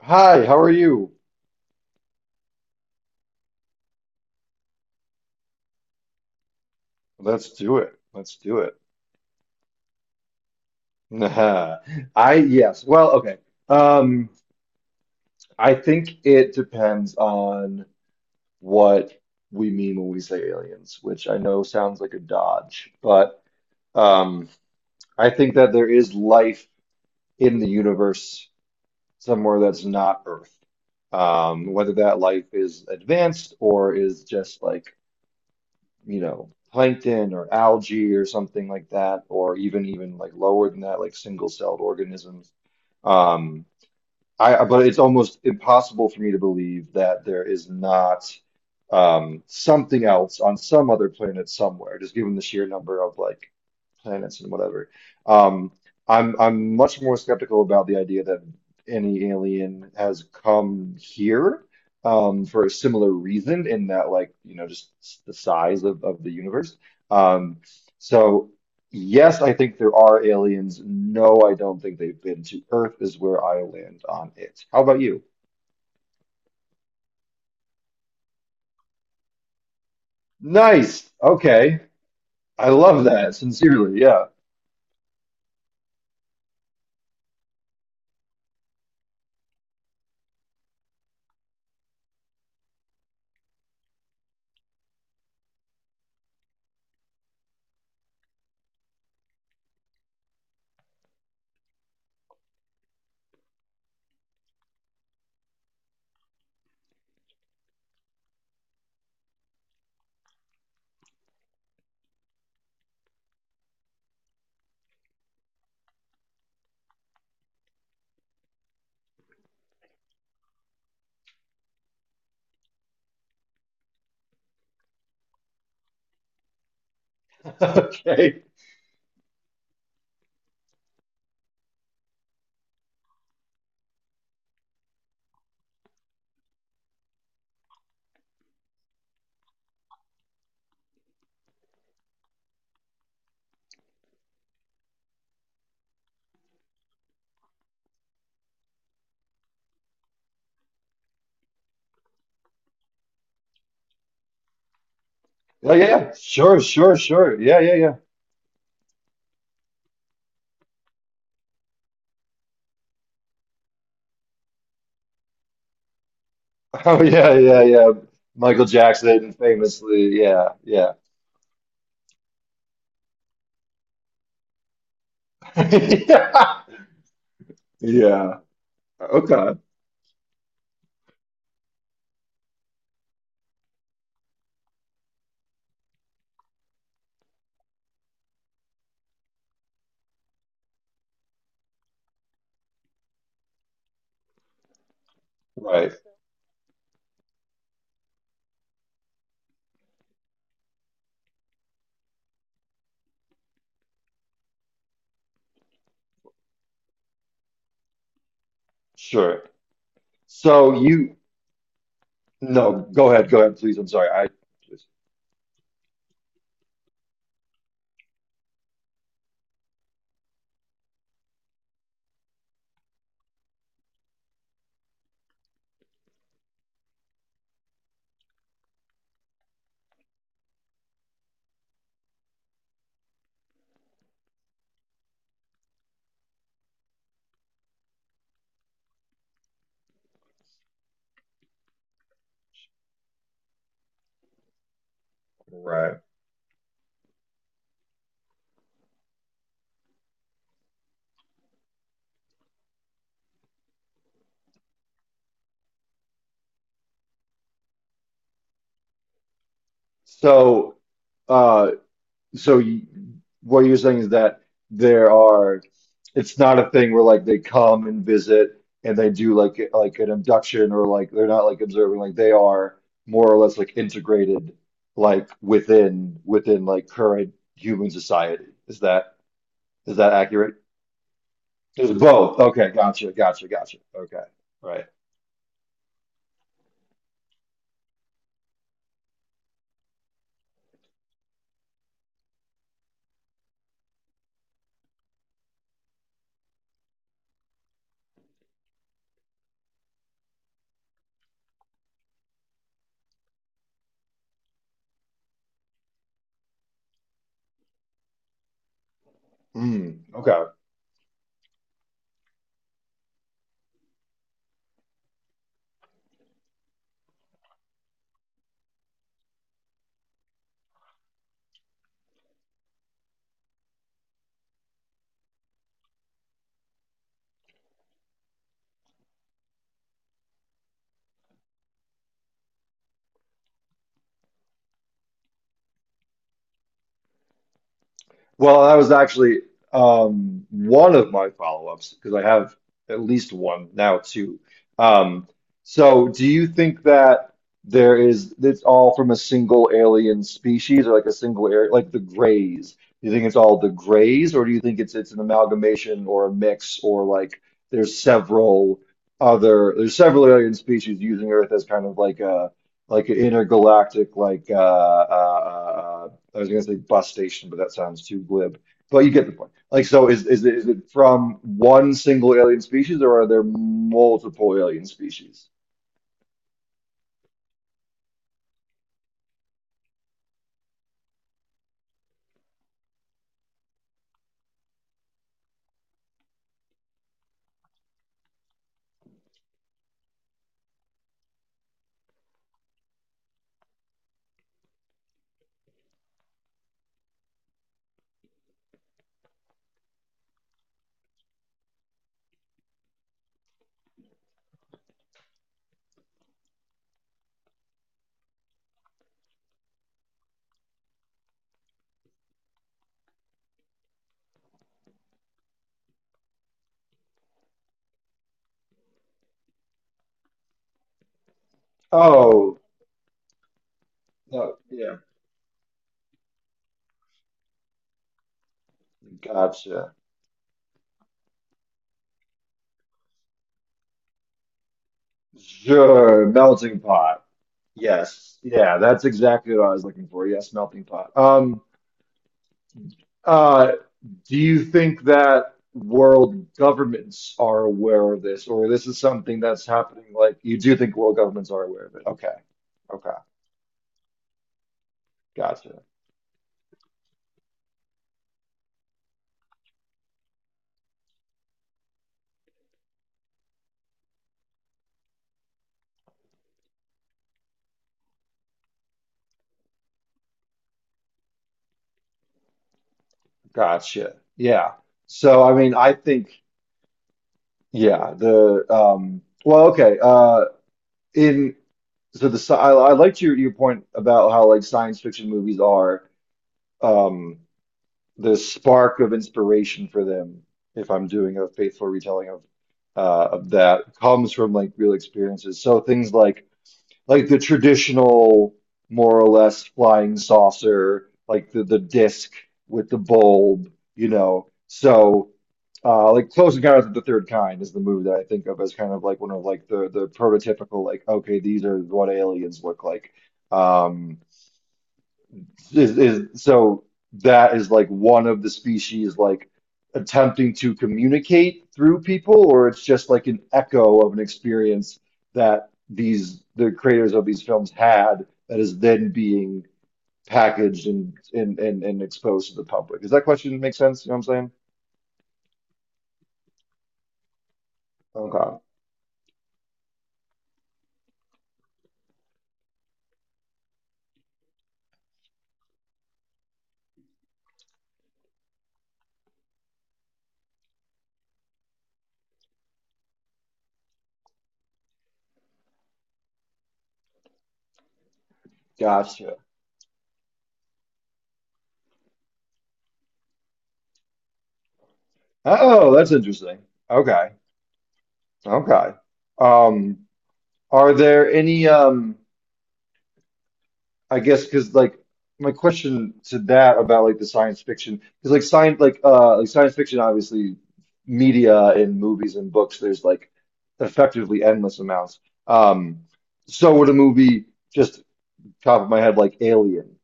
Hi, how are you? Let's do it. Let's do it. Yes. Well, okay. Um, I think it depends on what we mean when we say aliens, which I know sounds like a dodge, but um, I think that there is life in the universe somewhere that's not Earth. Whether that life is advanced or is just like you know, plankton or algae, or something like that, or even like lower than that, like single-celled organisms. Um, I But it's almost impossible for me to believe that there is not, something else on some other planet somewhere, just given the sheer number of like planets and whatever. Um, I'm much more skeptical about the idea that any alien has come here, for a similar reason, in that like you know the size of the universe. Um, so yes, I think there are aliens. No, I don't think they've been to Earth, is where I land on it. How about you? Nice. Okay. I love that. Sincerely. Yeah. Okay. Yeah, yeah, yeah. Sure, sure, sure. Yeah, yeah, yeah. Oh yeah, yeah, yeah. Michael Jackson famously, yeah, yeah. Yeah. Yeah. Okay. Right. Sure. So you No, go ahead, please. I'm sorry. I just Right. So uh so you, what you're saying is that there are it's not a thing where like they come and visit and they do like an abduction, or like they're not like observing, like they are more or less like integrated like within like current human society. Is that accurate? It's both. Okay, gotcha, gotcha, gotcha. Okay, right. Hmm. Okay. Well, that was actually, one of my follow-ups, because I have at least one, now two. Um, do you think that there is it's all from a single alien species or like a single area, like the Greys? Do you think it's all the Greys, or do you think it's an amalgamation or a mix, or like there's several other there's several alien species using Earth as kind of like a like an intergalactic like I was going to say bus station, but that sounds too glib. But you get the point. Like, so is it from one single alien species, or are there multiple alien species? Oh, no, yeah, gotcha. Sure, melting pot. Yes, yeah, that's exactly what I was looking for. Yes, melting pot. Uh, do you think that world governments are aware of this, or this is something that's happening? Like, you do think world governments are aware of it? Okay, okay, gotcha. Gotcha. Yeah. So I mean, I think yeah, okay. In so The I liked your point about how like science fiction movies are, um the spark of inspiration for them, if I'm doing a faithful retelling of, of that, comes from like real experiences. So things like the traditional, more or less, flying saucer, like the disc with the bulb, you know. So, like Close Encounters of the Third Kind is the movie that I think of as kind of like one of like the prototypical, like okay, these are what aliens look like. Um, is so that is like one of the species like attempting to communicate through people, or it's just like an echo of an experience that the creators of these films had that is then being packaged and exposed to the public. Does that question make sense? You know what I'm saying? Okay. Gotcha. Oh, that's interesting. Okay. Okay. Um, are there any I guess because like my question to that about like the science fiction, because like science fiction, obviously media and movies and books, there's like effectively endless amounts. Um, so would a movie, just top of my head, like Alien,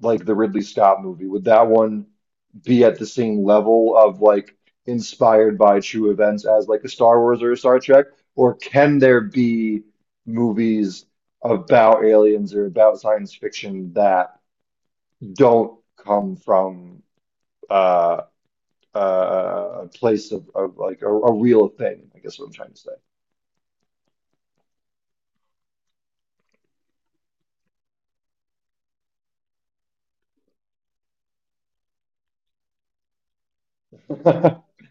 like the Ridley Scott movie. Would that one be at the same level of like inspired by true events as like a Star Wars or a Star Trek? Or can there be movies about aliens or about science fiction that don't come from uh, uh, a place of like a real thing? I guess what I'm trying to say.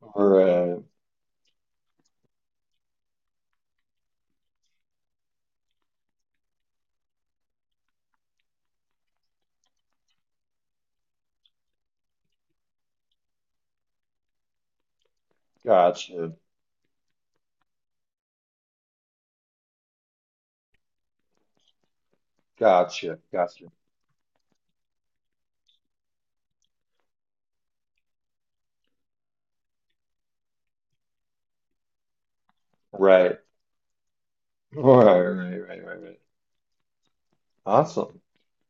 Or Gotcha, gotcha, gotcha. Right. All right, right, right, right, right. Awesome.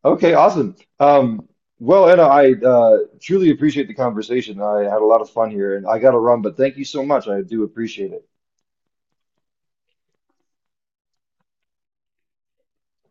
Okay, awesome. Well, Anna, I truly appreciate the conversation. I had a lot of fun here, and I got to run, but thank you so much. I do appreciate it.